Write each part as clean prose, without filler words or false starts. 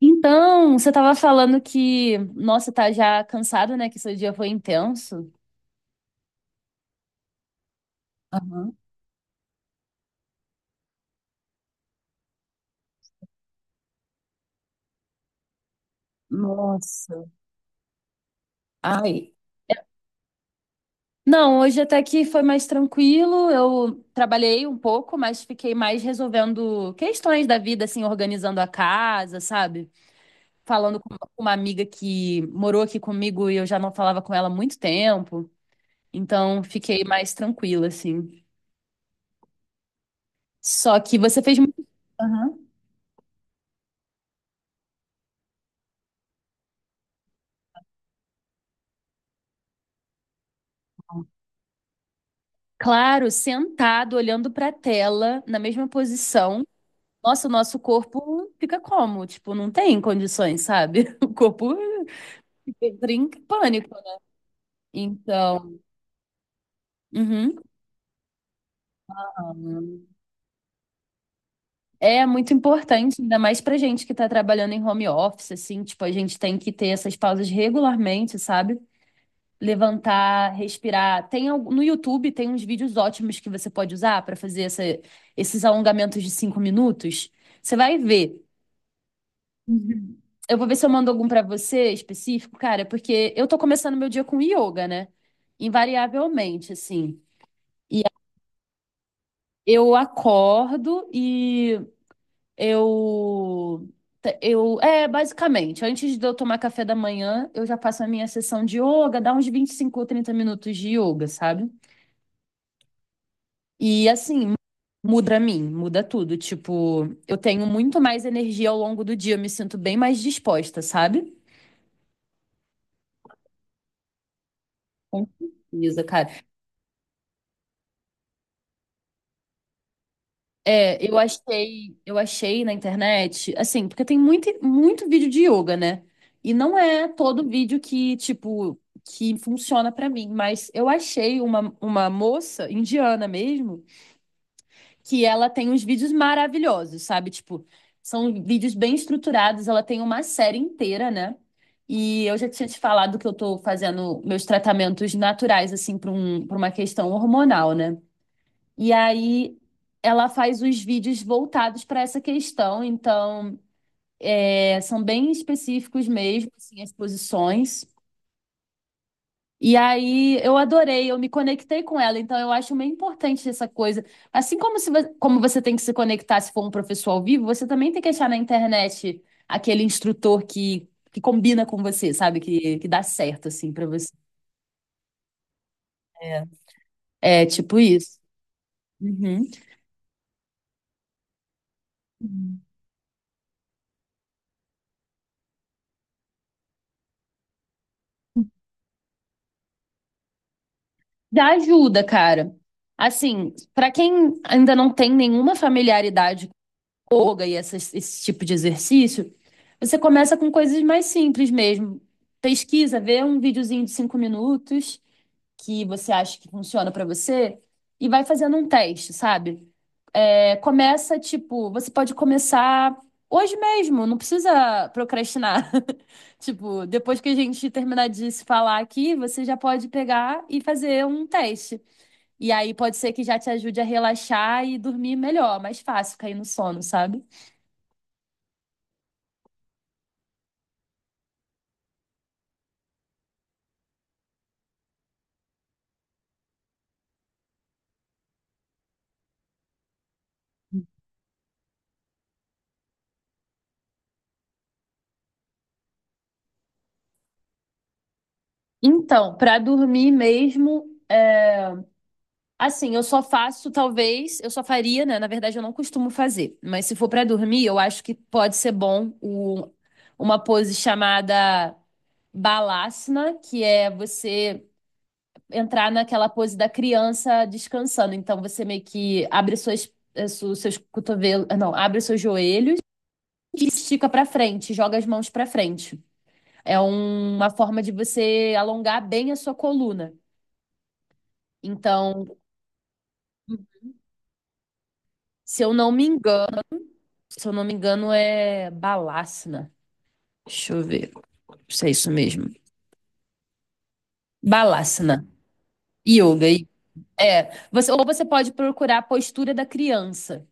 Então, você estava falando que, nossa, tá já cansado, né? Que seu dia foi intenso. Aham. Nossa. Ai. Não, hoje até que foi mais tranquilo. Eu trabalhei um pouco, mas fiquei mais resolvendo questões da vida, assim, organizando a casa, sabe? Falando com uma amiga que morou aqui comigo e eu já não falava com ela há muito tempo. Então, fiquei mais tranquila, assim. Só que você fez muito. Aham. Claro, sentado, olhando para a tela, na mesma posição. Nossa, o nosso corpo fica como? Tipo, não tem condições, sabe? O corpo entra em pânico, né? Então, uhum. É muito importante, ainda mais pra gente que tá trabalhando em home office, assim, tipo, a gente tem que ter essas pausas regularmente, sabe? Levantar, respirar. No YouTube tem uns vídeos ótimos que você pode usar pra fazer esses alongamentos de 5 minutos. Você vai ver. Uhum. Eu vou ver se eu mando algum pra você específico, cara, porque eu tô começando meu dia com yoga, né? Invariavelmente, assim. E eu acordo e eu eu é basicamente, antes de eu tomar café da manhã, eu já passo a minha sessão de yoga, dá uns 25 ou 30 minutos de yoga, sabe? E assim, muda a mim, muda tudo, tipo, eu tenho muito mais energia ao longo do dia, eu me sinto bem mais disposta, sabe? Com certeza, cara. É, eu achei na internet, assim, porque tem muito, muito vídeo de yoga, né? E não é todo vídeo que, tipo, que funciona pra mim, mas eu achei uma moça indiana mesmo, que ela tem uns vídeos maravilhosos, sabe? Tipo, são vídeos bem estruturados, ela tem uma série inteira, né? E eu já tinha te falado que eu tô fazendo meus tratamentos naturais, assim, para um, para uma questão hormonal, né? E aí ela faz os vídeos voltados para essa questão, então é, são bem específicos mesmo, assim, as posições. E aí eu adorei, eu me conectei com ela, então eu acho meio importante essa coisa. Como você tem que se conectar se for um professor ao vivo, você também tem que achar na internet aquele instrutor que combina com você, sabe? Que dá certo, assim, para você. É, é tipo isso. Uhum. Já ajuda, cara. Assim, pra quem ainda não tem nenhuma familiaridade com yoga e esse tipo de exercício, você começa com coisas mais simples mesmo. Pesquisa, vê um videozinho de 5 minutos que você acha que funciona pra você e vai fazendo um teste, sabe? É, começa, tipo, você pode começar hoje mesmo, não precisa procrastinar. Tipo, depois que a gente terminar de se falar aqui, você já pode pegar e fazer um teste. E aí pode ser que já te ajude a relaxar e dormir melhor, mais fácil cair no sono, sabe? Então, pra dormir mesmo, é, assim, eu só faria, né? Na verdade, eu não costumo fazer, mas se for pra dormir, eu acho que pode ser bom uma pose chamada Balasana, que é você entrar naquela pose da criança descansando. Então você meio que abre seus cotovelos, não, abre os seus joelhos que estica para frente, joga as mãos para frente. Uma forma de você alongar bem a sua coluna. Então, se eu não me engano, se eu não me engano, é Balasana. Deixa eu ver se é isso mesmo. Balasana. Yoga. É. Você, ou você pode procurar a postura da criança.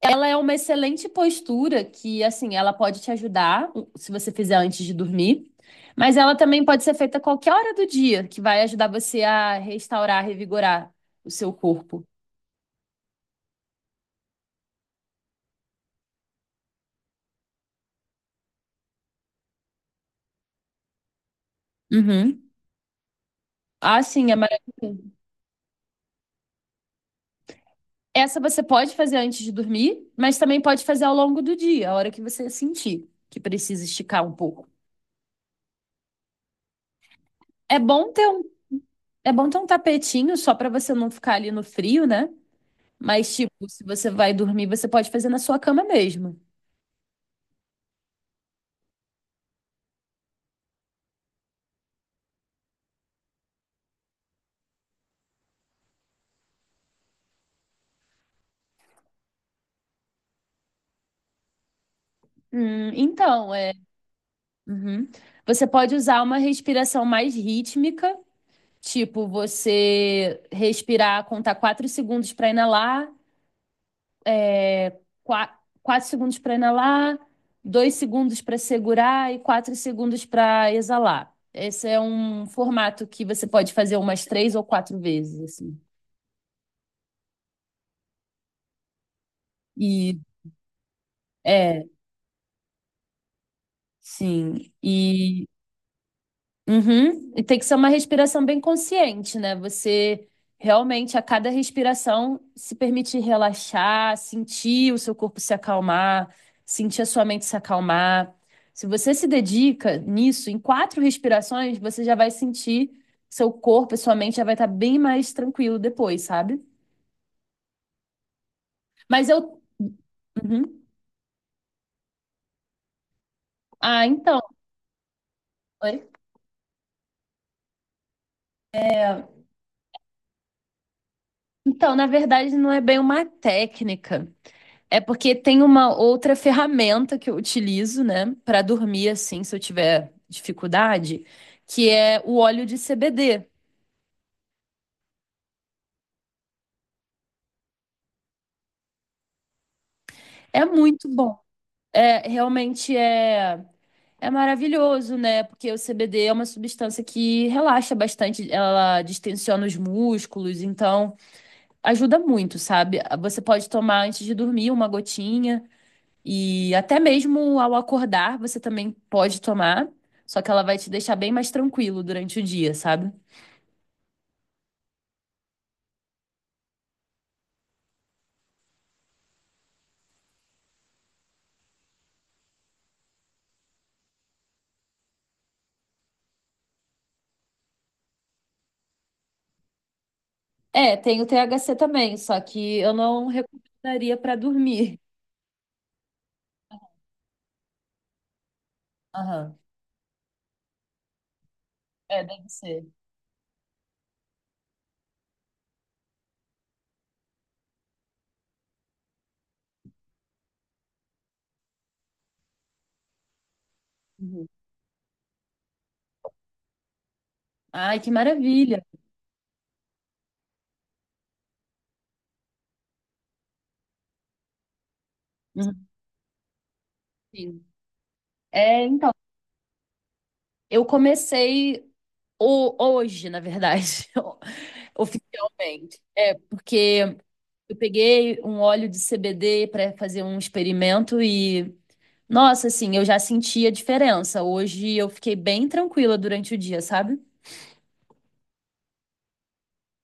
Ela é uma excelente postura que, assim, ela pode te ajudar se você fizer antes de dormir, mas ela também pode ser feita a qualquer hora do dia, que vai ajudar você a restaurar, revigorar o seu corpo. Uhum. Ah, sim, é maravilhoso. Essa você pode fazer antes de dormir, mas também pode fazer ao longo do dia, a hora que você sentir que precisa esticar um pouco. É bom ter um, é bom ter um tapetinho só para você não ficar ali no frio, né? Mas, tipo, se você vai dormir, você pode fazer na sua cama mesmo. Então, é. Uhum. Você pode usar uma respiração mais rítmica, tipo você respirar, contar 4 segundos para inalar, 4 segundos para inalar, 2 segundos para segurar e 4 segundos para exalar. Esse é um formato que você pode fazer umas 3 ou 4 vezes, assim. E é, sim. E uhum. E tem que ser uma respiração bem consciente, né? Você realmente, a cada respiração, se permitir relaxar, sentir o seu corpo se acalmar, sentir a sua mente se acalmar. Se você se dedica nisso, em 4 respirações, você já vai sentir seu corpo e sua mente já vai estar bem mais tranquilo depois, sabe? Mas eu. Uhum. Ah, então. Oi? É. Então, na verdade, não é bem uma técnica. É porque tem uma outra ferramenta que eu utilizo, né, para dormir assim, se eu tiver dificuldade, que é o óleo de CBD. É muito bom. É, realmente é maravilhoso, né? Porque o CBD é uma substância que relaxa bastante, ela distensiona os músculos, então ajuda muito, sabe? Você pode tomar antes de dormir uma gotinha. E até mesmo ao acordar, você também pode tomar, só que ela vai te deixar bem mais tranquilo durante o dia, sabe? É, tem o THC também, só que eu não recomendaria pra dormir. Aham. É, deve ser. Uhum. Ai, que maravilha. Uhum. Sim. É, então, eu comecei hoje, na verdade, oficialmente. É, porque eu peguei um óleo de CBD para fazer um experimento e nossa, assim, eu já senti a diferença. Hoje eu fiquei bem tranquila durante o dia, sabe?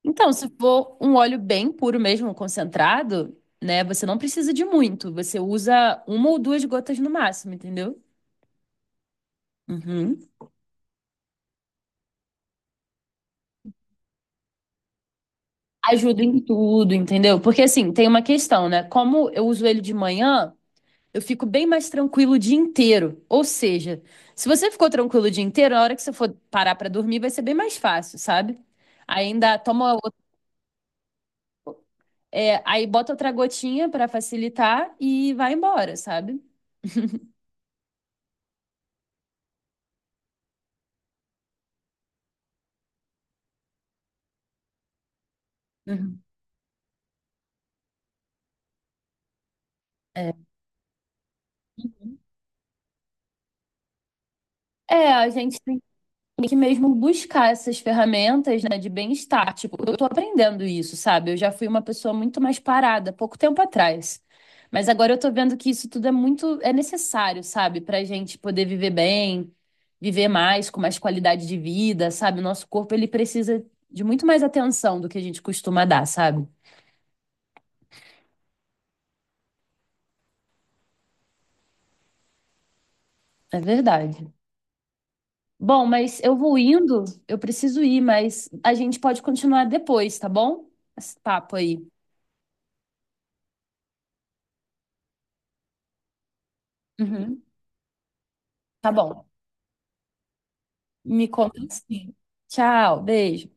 Então, se for um óleo bem puro mesmo, concentrado, né, você não precisa de muito. Você usa uma ou duas gotas no máximo, entendeu? Uhum. Ajuda em tudo, entendeu? Porque assim, tem uma questão, né? Como eu uso ele de manhã, eu fico bem mais tranquilo o dia inteiro. Ou seja, se você ficou tranquilo o dia inteiro, na hora que você for parar pra dormir, vai ser bem mais fácil, sabe? Ainda toma. É, aí bota outra gotinha pra facilitar e vai embora, sabe? Uhum. É. É, a gente tem que mesmo buscar essas ferramentas, né, de bem-estar. Tipo, eu tô aprendendo isso, sabe? Eu já fui uma pessoa muito mais parada pouco tempo atrás. Mas agora eu tô vendo que isso tudo é muito, é necessário, sabe? Pra gente poder viver bem, viver mais, com mais qualidade de vida, sabe? O nosso corpo, ele precisa de muito mais atenção do que a gente costuma dar, sabe? É verdade. Bom, mas eu vou indo, eu preciso ir, mas a gente pode continuar depois, tá bom? Esse papo aí. Uhum. Tá bom. Me conta assim. Tchau, beijo.